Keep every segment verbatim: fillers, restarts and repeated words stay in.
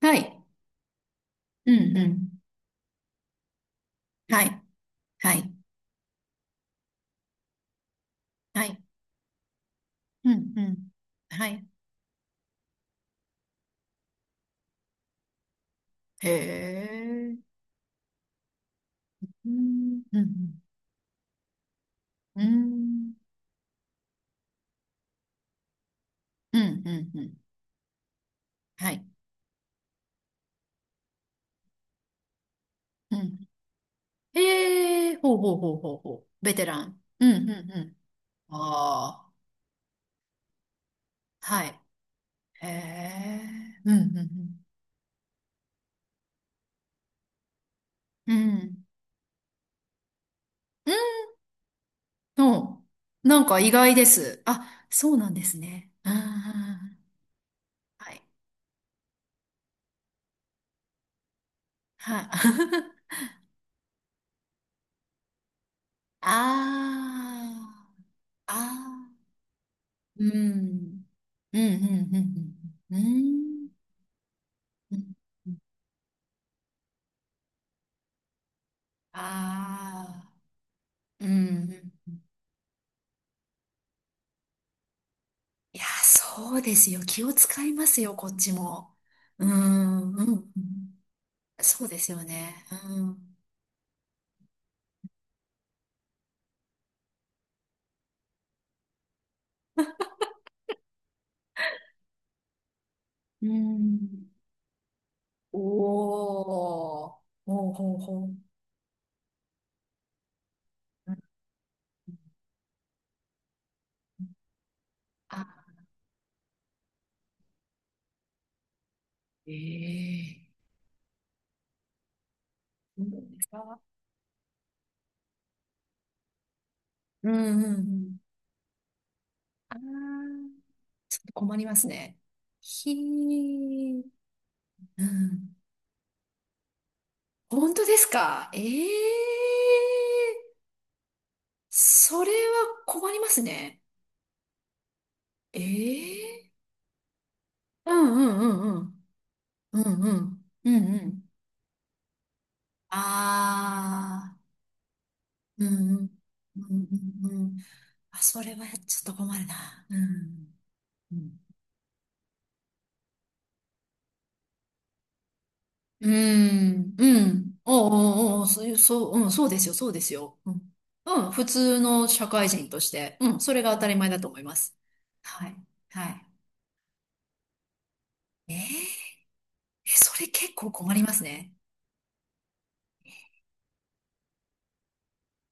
はい。うんうん。はい。はい。はい。うんうん。はい。へえ。うん。うん。うん。うん。うん。うん。はい。うん。へえ。ほうほうほうほうほう。ベテラン。うん。うん。うん。ああ。はい。へえ。うん。うん。うん。うんの、なんか意外です。あ、そうなんですね。うんうんうんはい。はい。ああ。ああ。うん。うん、うん、うん、うん。うんうんああ、うん。いや、そうですよ。気を使いますよ、こっちも。うん、うん。そうですよね。うん。うん。おー。ほうほうほう。うんあ、ええ、そうなんですか。うん、うん、うん。ああ、ちょっと困りますね。ひー。うん、本当ですか、ええー。それは困りますね。ええーうんうんうんうん。うんうん。うんうん。ああ、うんうん。うんうんうん。あ、それはちょっと困るな。うん。うん。うんうん。おうおうおう、そういう、そう、うん、そうですよ、そうですよ。うん。うん、普通の社会人として、うん、それが当たり前だと思います。はい。はい。えー、え、それ結構困りますね。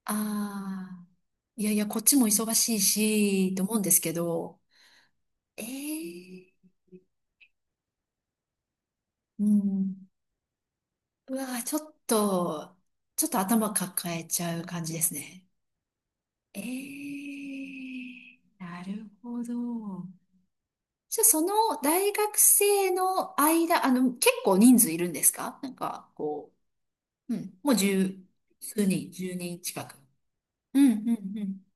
ああ、いやいや、こっちも忙しいし、と思うんですけど、ええ、うん。うわー、ちょっと、ちょっと頭抱えちゃう感じですね。ええ、なるほど。じゃあ、その大学生の間、あの、結構人数いるんですか、なんか、こう、うん、もうじゅうすうにん、じゅうにん近く。うん、うん、うん。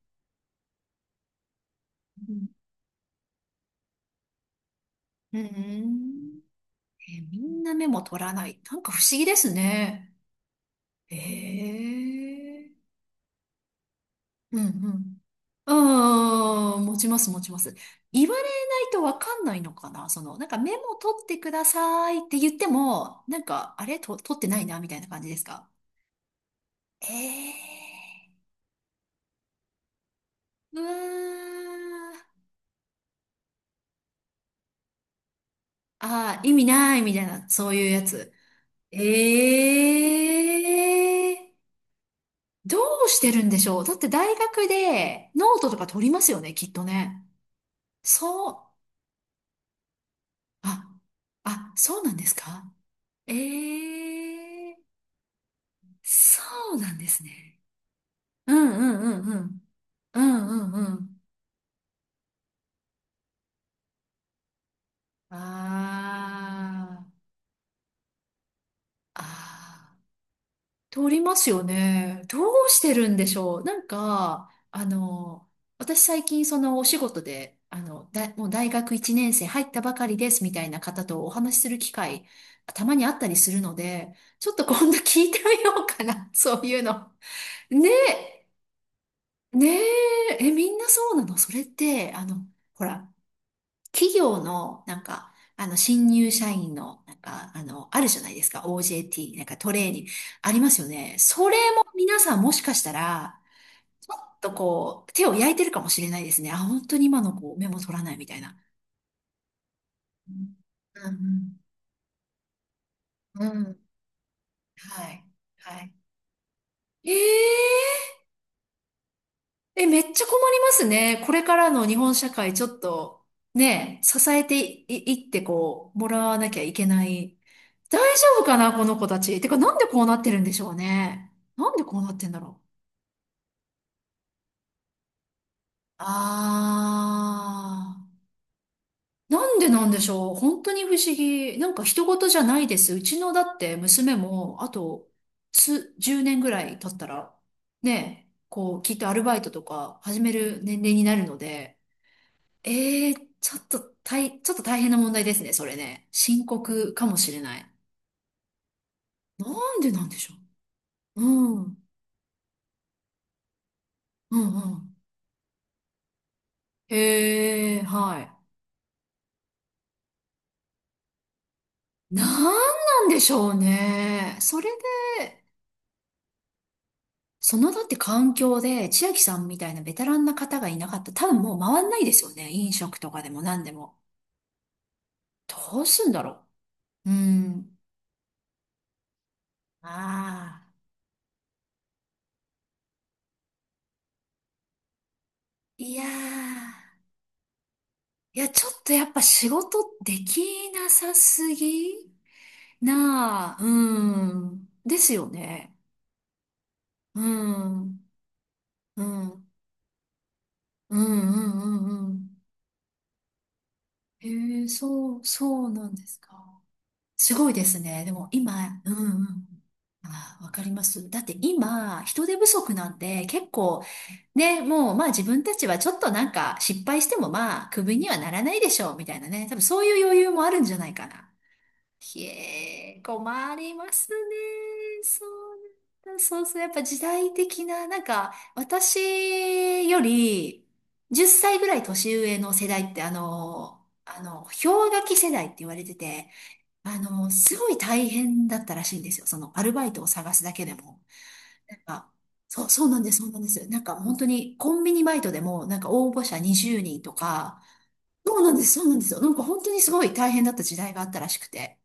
うん、うん。えー、みんなメモ取らない。なんか不思議ですね。ええうんうん。ああ、持ちます、持ちます。言われないとわかんないのかな、その、なんかメモ取ってくださいって言っても、なんか、あれ、と、取ってないな、みたいな感じですか。ええうわー。ああ、意味ないみたいな、そういうやつ。ええ、どうしてるんでしょう、だって大学でノートとか取りますよね、きっとね。そう。あ、あ、そうなんですか、ええ、そうなんですね。うんうんうんうん。うんうんうん。ああ、ああ、通りますよね。どうしてるんでしょう。なんか、あの、私最近そのお仕事で、あの、だ、もう大学いちねん生入ったばかりですみたいな方とお話しする機会、たまにあったりするので、ちょっと今度聞いてみようかな。そういうの。ねねえ、え、みんなそうなのそれって、あの、ほら、企業の、なんか、あの、新入社員の、なんか、あの、あるじゃないですか、オージェーティー、なんかトレーニング、ありますよね。それも皆さんもしかしたら、ちょっとこう、手を焼いてるかもしれないですね。あ、本当に今の子、メモ取らないみたいな。うん、うん、うん。うん、はい、はい。えええ、めっちゃ困りますね。これからの日本社会、ちょっと、ね、支えてい、いってこう、もらわなきゃいけない。大丈夫かな、この子たち。てか、なんでこうなってるんでしょうね。なんでこうなってんだろう。あー。なんでなんでしょう。本当に不思議。なんか人事じゃないです。うちのだって娘も、あと、数、じゅうねんぐらい経ったら、ね、こう、きっとアルバイトとか始める年齢になるので、ええ、ちょっと大、ちょっと大変な問題ですね、それね。深刻かもしれない。なんでなんでしょう。うん、うん、うん。ええはい。なんなんでしょうね。それで、そのだって環境で、千秋さんみたいなベテランな方がいなかったら、多分もう回んないですよね。飲食とかでも何でも。どうすんだろう。うん。ああ。いやー。いや、ちょっとやっぱ仕事できなさすぎなあ、うん。ですよね。うん。うん。うんうんうんうん。へえ、そう、そうなんですか。すごいですね。でも今、うんうん。ああ、わかります。だって今、人手不足なんで、結構、ね、もう、まあ自分たちはちょっとなんか失敗してもまあ、クビにはならないでしょう、みたいなね。多分そういう余裕もあるんじゃないかな。ひえ、困りますね。そうなんだ。そうそう。やっぱ時代的な、なんか、私よりじゅっさいぐらい年上の世代って、あの、あの、氷河期世代って言われてて、あの、すごい大変だったらしいんですよ。その、アルバイトを探すだけでも。なんか、そう、そうなんです、そうなんです。なんか、本当に、コンビニバイトでも、なんか応募者にじゅうにんとか、そうなんです、そうなんですよ。なんか本当にすごい大変だった時代があったらしくて。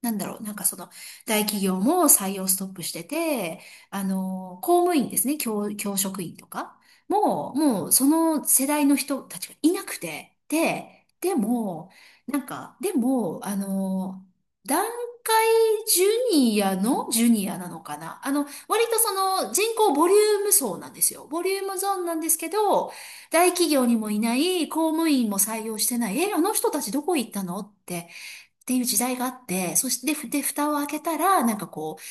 なんだろう、なんかその、大企業も採用ストップしてて、あの、公務員ですね、教、教職員とか、もう、もうその世代の人たちがいなくて、で、でも、なんか、でも、あの、団塊ジュニアのジュニアなのかな、あの、割とその人口ボリューム層なんですよ。ボリュームゾーンなんですけど、大企業にもいない、公務員も採用してない、え、あの人たちどこ行ったのって、っていう時代があって、そして、ふで、蓋を開けたら、なんかこう、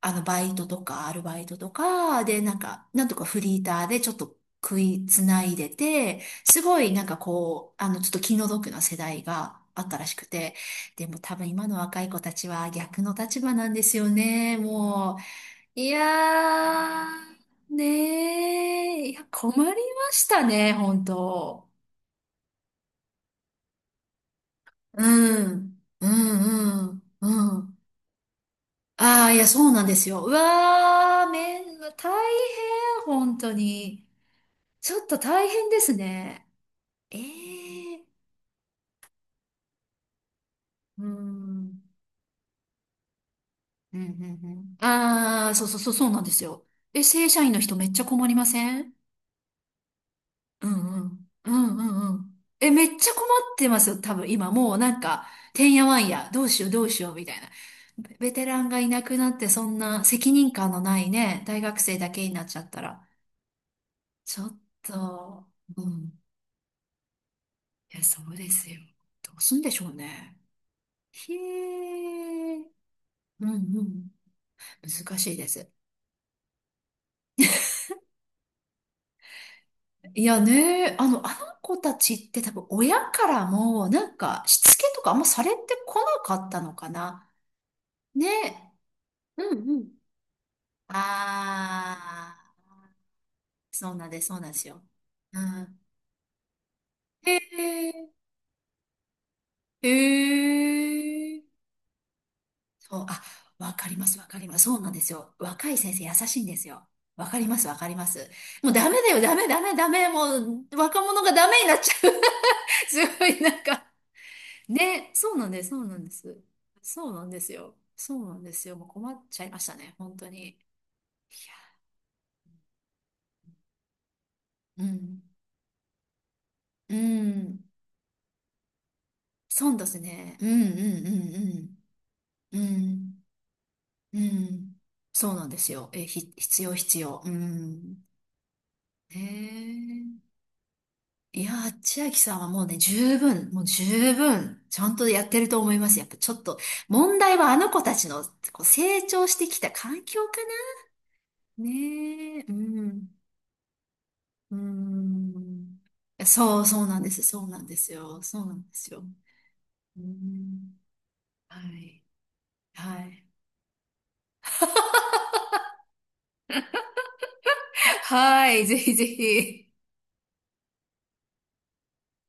あの、バイトとか、アルバイトとか、で、なんか、なんとかフリーターでちょっと食いつないでて、すごい、なんかこう、あの、ちょっと気の毒な世代があったらしくて、でも多分今の若い子たちは逆の立場なんですよね、もう。いやー、ねえ、いや、困りましたね、本当。うん、うん、うん、うん。ああ、いや、そうなんですよ。うわー、めん、大変、本当に。ちょっと大変ですね。ええー、うーん。うん、うん、うん。ああ、そうそうそう、そうなんですよ。え、正社員の人めっちゃ困りません、うんうん。うんうんうん。え、めっちゃ困ってますよ、多分今。もうなんか、てんやわんや、どうしようどうしようみたいな。ベベテランがいなくなって、そんな責任感のないね、大学生だけになっちゃったら。ちょっと、うん、いや、そうですよ。どうすんでしょうね。へえ。うんうん。難しいです。いやね、あの、あの子たちって多分親からも、なんか、しつけとかあんまされてこなかったのかな。ね。うんうん。ああ、そうなんです、そうなんですよ。うん。へえ、へえ。そう、あ、わかります、わかります。そうなんですよ。若い先生優しいんですよ。わかります、わかります。もうダメだよ、ダメ、ダメ、ダメ。もう若者がダメになっちゃう。すごい、なんか。ね、そうなんです、そうなんです。そうなんですよ。そうなんですよ。もう困っちゃいましたね、本当に。いや、うん。うん。そうですね。うん、うん、うん、うん。うん。うん。そうなんですよ。え、ひ、必要、必要。うん。へえ。いやー、千秋さんはもうね、十分、もう十分、ちゃんとやってると思います。やっぱちょっと、問題はあの子たちの、こう、成長してきた環境かな。ねえ、うん、うん。そう、そうなんです。そうなんですよ。そうなんですよ。うん、はい、はい。はい、ぜひぜひ。